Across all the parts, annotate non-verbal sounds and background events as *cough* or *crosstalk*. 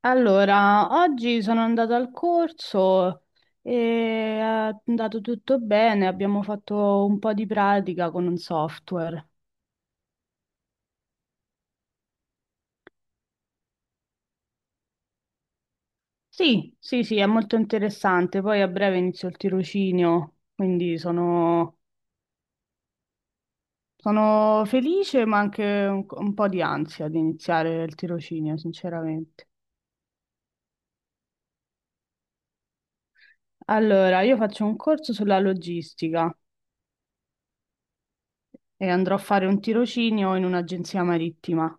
Allora, oggi sono andata al corso e è andato tutto bene, abbiamo fatto un po' di pratica con un software. Sì, sì, sì, è molto interessante. Poi a breve inizio il tirocinio, quindi sono, sono felice, ma anche un po' di ansia di iniziare il tirocinio, sinceramente. Allora, io faccio un corso sulla logistica e andrò a fare un tirocinio in un'agenzia marittima.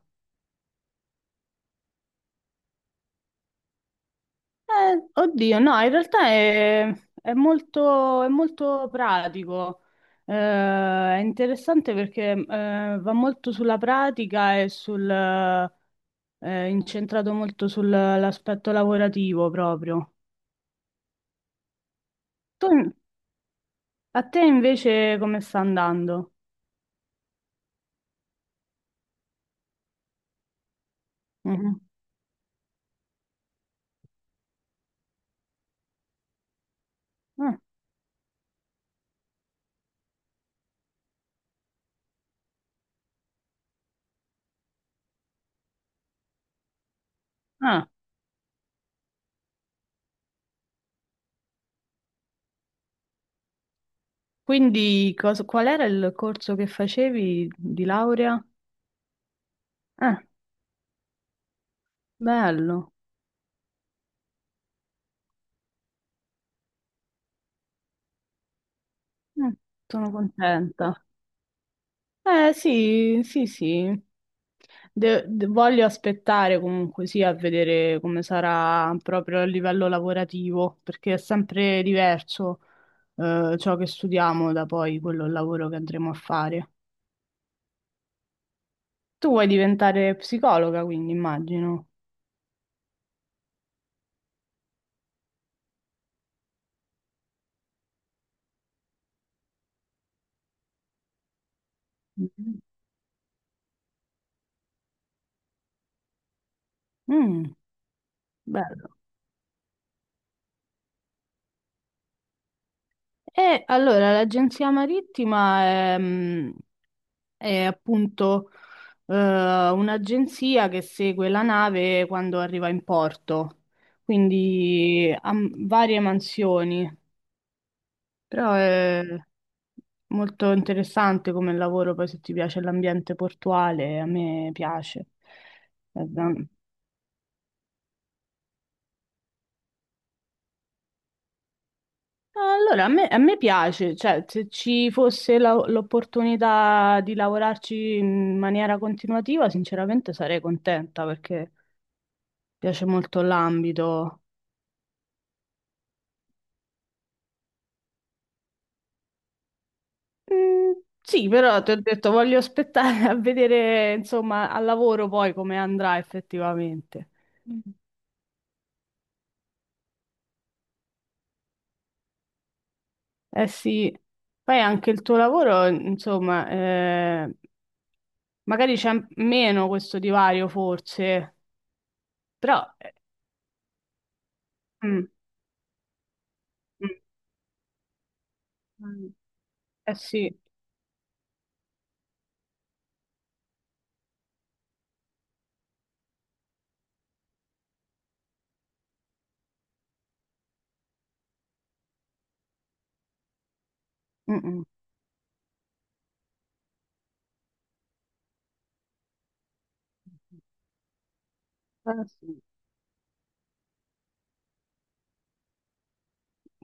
Oddio, no, in realtà è molto pratico. È interessante perché va molto sulla pratica e sul incentrato molto sull'aspetto lavorativo proprio. Tu- A te invece come sta andando? Mhm. Ah, ah. Quindi qual era il corso che facevi di laurea? Ah, bello. Mm, sono contenta. Eh sì, sì, sì. Voglio aspettare comunque sì a vedere come sarà proprio a livello lavorativo, perché è sempre diverso ciò che studiamo da poi quello il lavoro che andremo a fare. Tu vuoi diventare psicologa, quindi immagino. Mhm. Mm, bello. E allora l'agenzia marittima è, è appunto eh, un'agenzia che segue la nave quando arriva in porto, quindi ha varie mansioni, però è molto interessante come lavoro, poi se ti piace l'ambiente portuale, a me piace. Eh, da- Allora, a me piace, cioè se ci fosse l'opportunità di lavorarci in maniera continuativa, sinceramente sarei contenta perché piace molto l'ambito. Mm. Sì, però ti ho detto, voglio aspettare a vedere, insomma, al lavoro poi come andrà effettivamente. Mm. Eh sì, poi anche il tuo lavoro, insomma, magari c'è meno questo divario forse, però... eh, mm, mm, Mm. eh sì, mm, mm, eh sì.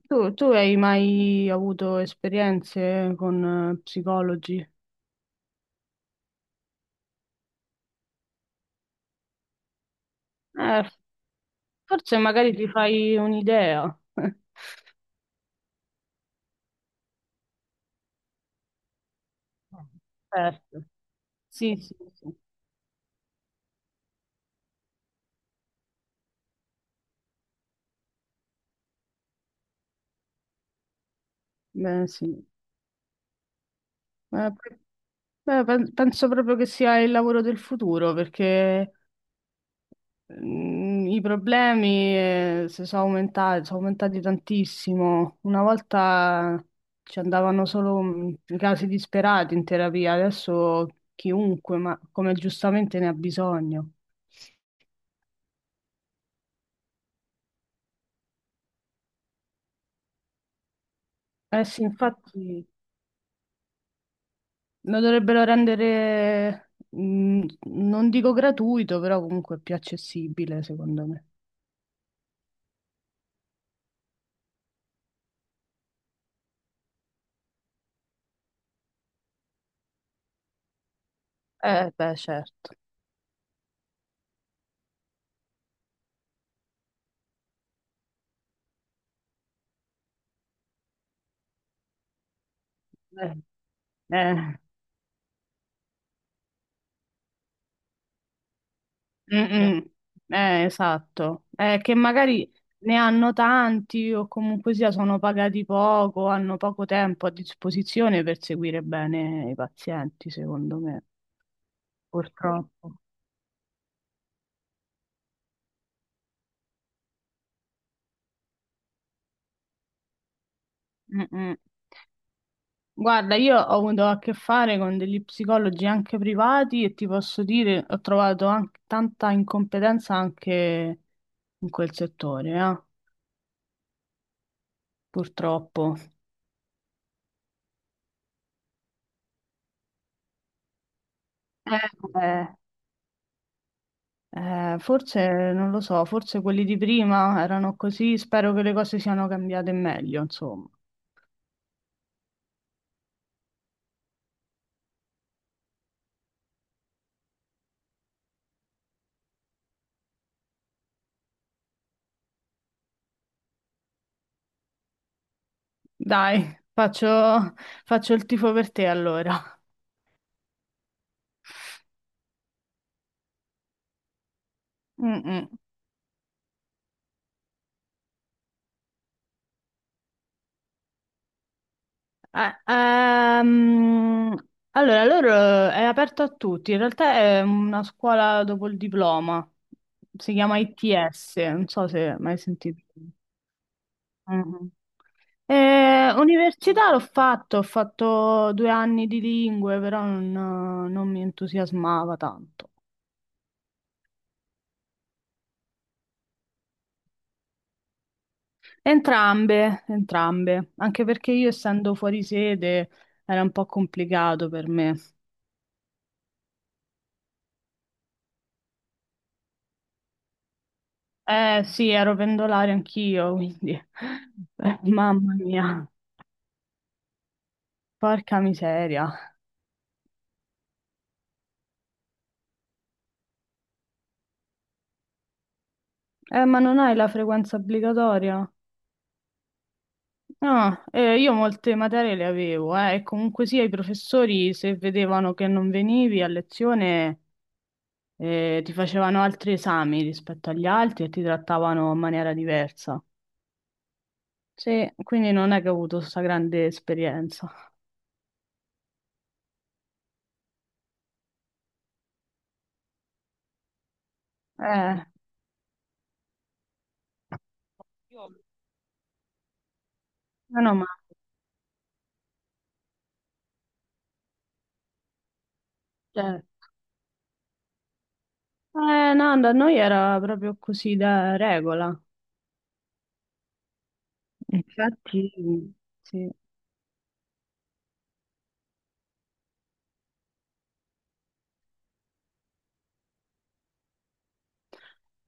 Tu hai mai avuto esperienze con psicologi? Eh, forse magari ti fai un'idea. *laughs* Certo. Sì, sì, sì. Beh, sì. Ma poi- Beh, penso proprio che sia il lavoro del futuro perché i problemi si sono aumentati tantissimo. Una volta ci andavano solo i casi disperati in terapia, adesso chiunque, ma come giustamente ne ha bisogno. Eh sì, infatti lo dovrebbero rendere, non dico gratuito, però comunque più accessibile, secondo me. Beh, certo. Eh, eh, mm, mm. Esatto. Che magari ne hanno tanti o comunque sia sono pagati poco, hanno poco tempo a disposizione per seguire bene i pazienti, secondo me, purtroppo. Mm, mm. Guarda, io ho avuto a che fare con degli psicologi anche privati e ti posso dire, ho trovato anche tanta incompetenza anche in quel settore, purtroppo. Eh, eh. Forse non lo so, forse quelli di prima erano così, spero che le cose siano cambiate in meglio, insomma. Dai, faccio, faccio il tifo per te allora. Mm, mm. Eh, ehm, allora, loro è aperto a tutti, in realtà è una scuola dopo il diploma, si chiama ITS, non so se mai sentito. Mhm. Università l'ho fatto, ho fatto due anni di lingue, però non mi entusiasmava tanto. Entrambe, entrambe, anche perché io essendo fuori sede era un po' complicato per me. Eh sì, ero pendolare anch'io, quindi *laughs* mamma mia, porca miseria. Ma non hai la frequenza obbligatoria? No, io molte materie le avevo, e comunque sia i professori se vedevano che non venivi a lezione e ti facevano altri esami rispetto agli altri e ti trattavano in maniera diversa. Sì, quindi non è che ho avuto questa grande esperienza. Eh, Io meno male. Certo. No, da noi era proprio così da regola. Infatti, sì.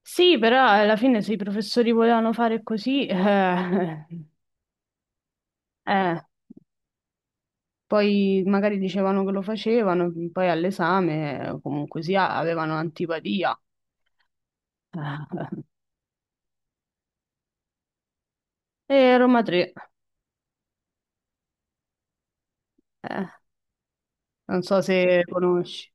Sì, però alla fine se i professori volevano fare così, eh, poi magari dicevano che lo facevano, poi all'esame comunque sia, avevano antipatia. Eh, E Roma 3, eh, non so se conosci.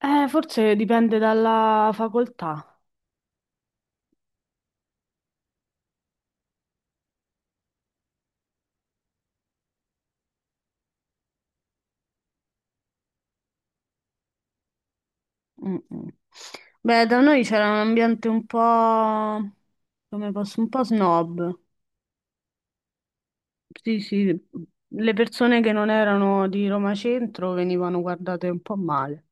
Forse dipende dalla facoltà. Mm, mm. Beh, da noi c'era un ambiente un po', come posso, un po' snob. Sì, sì, le persone che non erano di Roma Centro venivano guardate un po' male.